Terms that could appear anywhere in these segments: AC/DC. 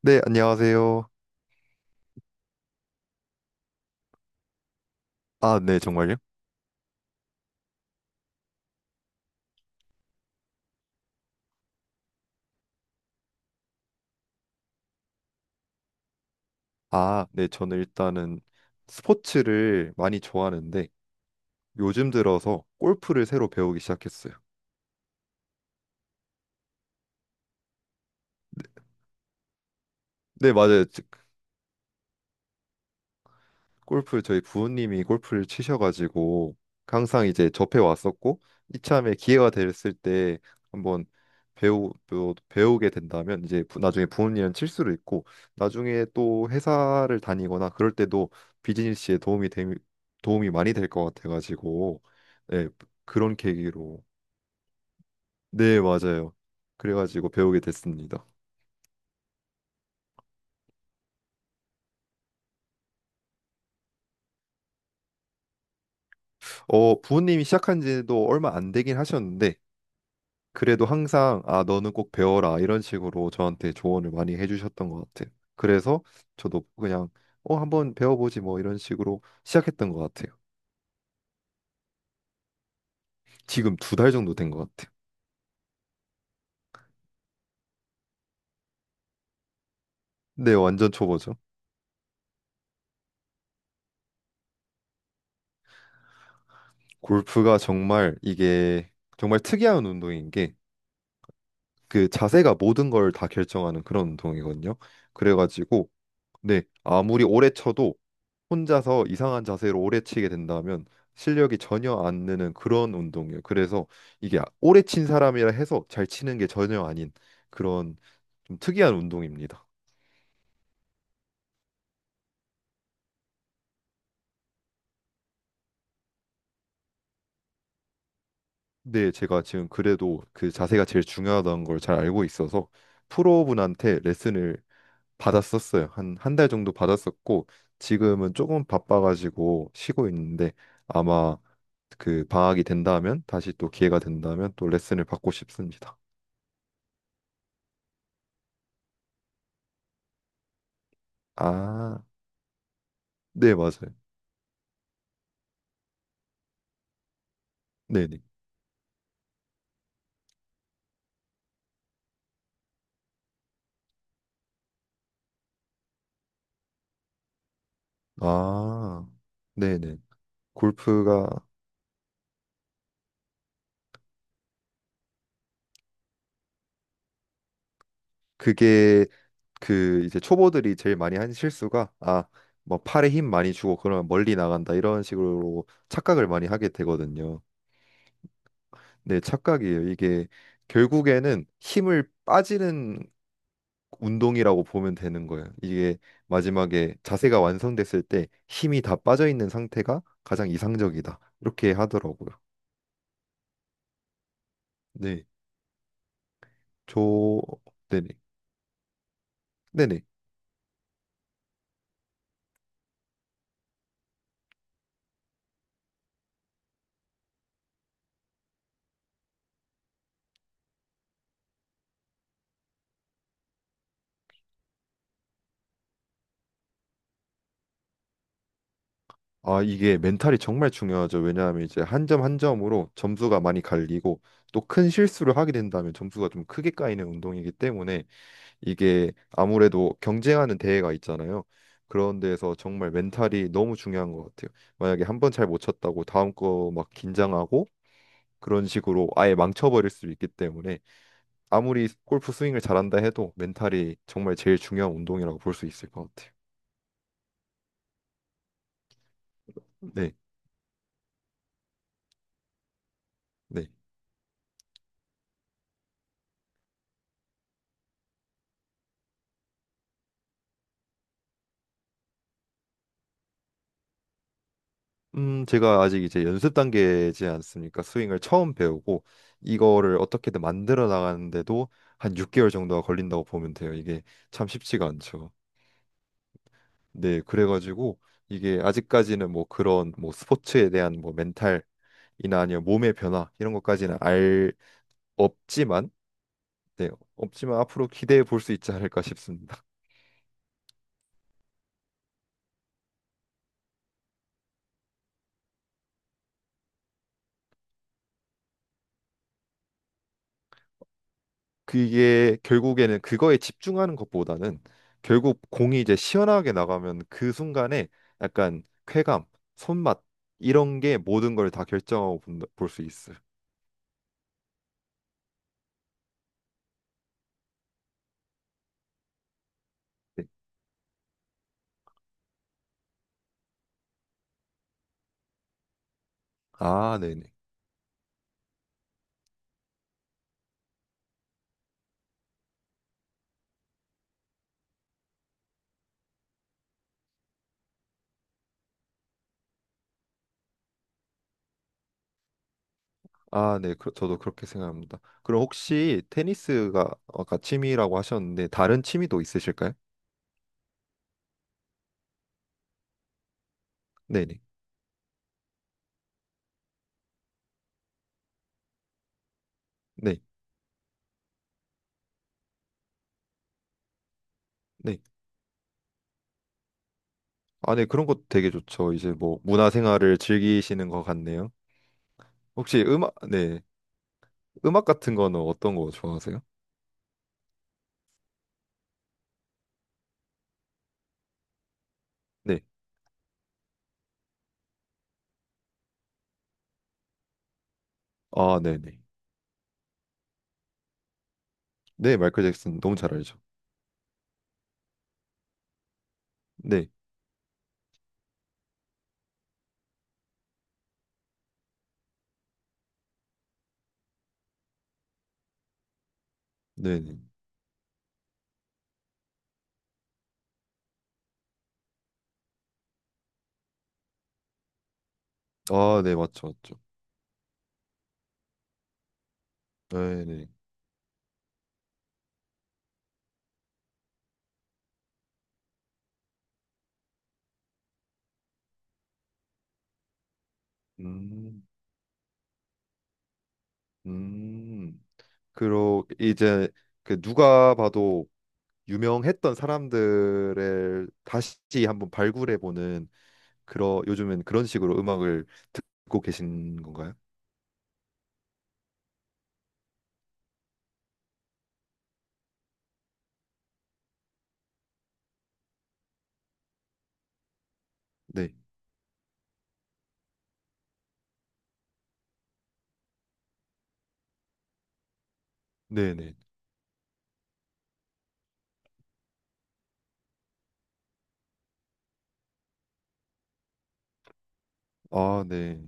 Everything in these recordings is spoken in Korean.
네, 안녕하세요. 아, 네, 정말요? 아, 네, 저는 일단은 스포츠를 많이 좋아하는데 요즘 들어서 골프를 새로 배우기 시작했어요. 네, 맞아요. 골프 저희 부모님이 골프를 치셔가지고 항상 이제 접해 왔었고 이참에 기회가 됐을 때 한번 배우 배우- 배우게 된다면 이제 나중에 부모님은 칠 수도 있고 나중에 또 회사를 다니거나 그럴 때도 비즈니스에 도움이 많이 될 것 같아가지고 네, 그런 계기로. 네, 맞아요. 그래가지고 배우게 됐습니다. 부모님이 시작한 지도 얼마 안 되긴 하셨는데 그래도 항상 아 너는 꼭 배워라 이런 식으로 저한테 조언을 많이 해주셨던 것 같아요. 그래서 저도 그냥 한번 배워보지 뭐 이런 식으로 시작했던 것 같아요. 지금 2달 정도 된 것 같아요. 네, 완전 초보죠. 골프가 정말 이게 정말 특이한 운동인 게 그 자세가 모든 걸 다 결정하는 그런 운동이거든요. 그래가지고, 네, 아무리 오래 쳐도 혼자서 이상한 자세로 오래 치게 된다면 실력이 전혀 안 느는 그런 운동이에요. 그래서 이게 오래 친 사람이라 해서 잘 치는 게 전혀 아닌 그런 좀 특이한 운동입니다. 근데 제가 지금 그래도 그 자세가 제일 중요하다는 걸 잘 알고 있어서 프로분한테 레슨을 받았었어요. 한 1달 정도 받았었고 지금은 조금 바빠가지고 쉬고 있는데 아마 그 방학이 된다면 다시 또 기회가 된다면 또 레슨을 받고 싶습니다. 아, 네, 맞아요. 네네. 아, 네네. 골프가 그게 그 이제 초보들이 제일 많이 하는 실수가, 아, 뭐 팔에 힘 많이 주고 그러면 멀리 나간다 이런 식으로 착각을 많이 하게 되거든요. 네, 착각이에요. 이게 결국에는 힘을 빠지는 운동이라고 보면 되는 거예요. 이게 마지막에 자세가 완성됐을 때 힘이 다 빠져 있는 상태가 가장 이상적이다. 이렇게 하더라고요. 네. 저, 네네. 네네. 아, 이게 멘탈이 정말 중요하죠. 왜냐하면 이제 한 점 한 점으로 점수가 많이 갈리고 또 큰 실수를 하게 된다면 점수가 좀 크게 까이는 운동이기 때문에 이게 아무래도 경쟁하는 대회가 있잖아요. 그런 데에서 정말 멘탈이 너무 중요한 것 같아요. 만약에 한 번 잘 못 쳤다고 다음 거 막 긴장하고 그런 식으로 아예 망쳐버릴 수 있기 때문에 아무리 골프 스윙을 잘한다 해도 멘탈이 정말 제일 중요한 운동이라고 볼 수 있을 것 같아요. 네, 네. 제가 아직 이제 연습 단계지 않습니까? 스윙을 처음 배우고 이거를 어떻게든 만들어 나가는데도 한 6개월 정도가 걸린다고 보면 돼요. 이게 참 쉽지가 않죠. 네, 그래가지고 이게 아직까지는 뭐 그런 뭐 스포츠에 대한 뭐 멘탈이나 아니면 몸의 변화 이런 것까지는 알 없지만, 네, 없지만 앞으로 기대해 볼 수 있지 않을까 싶습니다. 그게 결국에는 그거에 집중하는 것보다는 결국 공이 이제 시원하게 나가면 그 순간에 약간 쾌감, 손맛 이런 게 모든 걸 다 결정하고 볼 수 있어요. 네. 아, 네네. 아, 네. 저도 그렇게 생각합니다. 그럼 혹시 테니스가 아까 취미라고 하셨는데 다른 취미도 있으실까요? 네네. 네. 네. 아, 네. 그런 것도 되게 좋죠. 이제 뭐 문화생활을 즐기시는 것 같네요. 혹시 음악, 네, 음악 같은 거는 어떤 거 좋아하세요? 네. 아, 네네. 네, 마이클 잭슨 너무 잘 알죠. 네, 네네. 아, 네, 맞죠, 맞죠. 네네. 음. 음. 그러 이제 그 누가 봐도 유명했던 사람들을 다시 한번 발굴해 보는 그런 요즘엔 그런 식으로 음악을 듣고 계신 건가요? 네, 네네. 아, 네.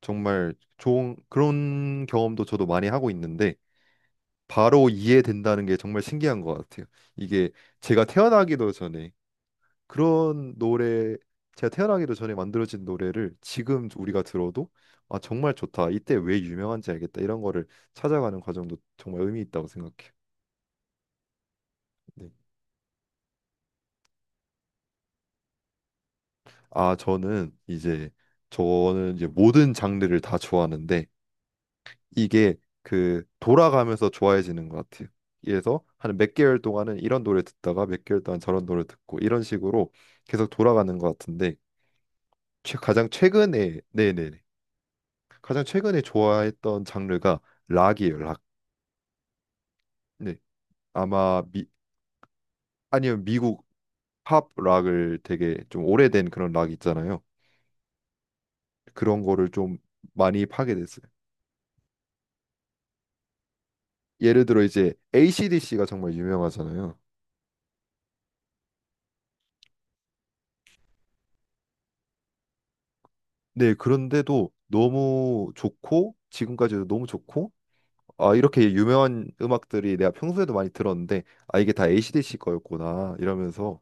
정말 좋은 그런 경험도 저도 많이 하고 있는데, 바로 이해된다는 게 정말 신기한 것 같아요. 이게 제가 태어나기도 전에 그런 노래, 제가 태어나기도 전에 만들어진 노래를 지금 우리가 들어도 아, 정말 좋다. 이때 왜 유명한지 알겠다. 이런 거를 찾아가는 과정도 정말 의미 있다고 생각해요. 네. 아, 저는 이제 모든 장르를 다 좋아하는데 이게 그 돌아가면서 좋아해지는 것 같아요. 그래서 한 몇 개월 동안은 이런 노래 듣다가 몇 개월 동안 저런 노래 듣고 이런 식으로 계속 돌아가는 것 같은데 최- 가장 최근에 네네네, 가장 최근에 좋아했던 장르가 락이에요, 락. 네, 아마 미 아니면 미국 팝 락을 되게 좀 오래된 그런 락 있잖아요. 그런 거를 좀 많이 파게 됐어요. 예를 들어 이제 AC/DC가 정말 유명하잖아요. 네, 그런데도 너무 좋고 지금까지도 너무 좋고 아, 이렇게 유명한 음악들이 내가 평소에도 많이 들었는데 아, 이게 다 AC/DC 거였구나 이러면서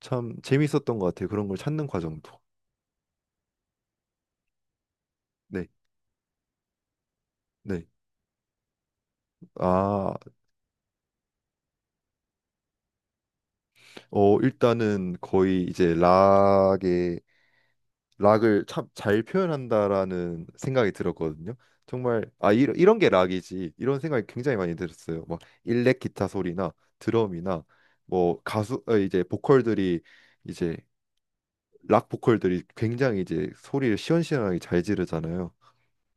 참 재밌었던 것 같아요. 그런 걸 찾는 과정도. 네. 네. 아, 일단은 거의 이제 락의 락을 참 잘 표현한다라는 생각이 들었거든요. 정말, 아, 이런 이런 게 락이지 이런 생각이 굉장히 많이 들었어요. 막 일렉 기타 소리나 드럼이나 뭐 가수, 이제 보컬들이 이제 락 보컬들이 굉장히 이제 소리를 시원시원하게 잘 지르잖아요.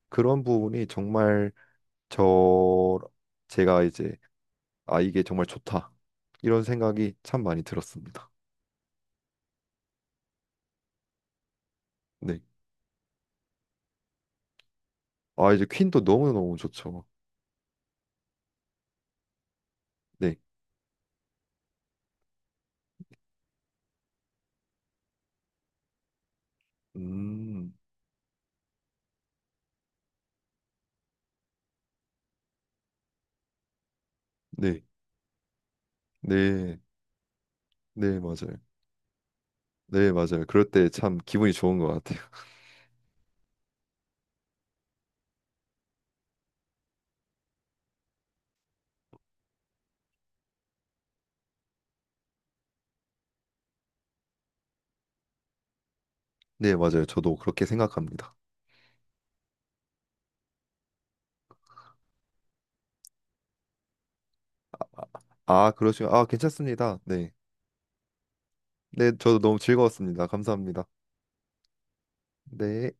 그런 부분이 정말 저 제가 이제 아, 이게 정말 좋다 이런 생각이 참 많이 들었습니다. 네. 아, 이제 퀸도 너무너무 좋죠. 네. 음. 네. 네. 네, 맞아요. 네, 맞아요. 그럴 때 참 기분이 좋은 것 같아요. 네, 맞아요. 저도 그렇게 생각합니다. 아, 그러시면 아, 그러시 아, 괜찮습니다. 네. 네, 저도 너무 즐거웠습니다. 감사합니다. 네.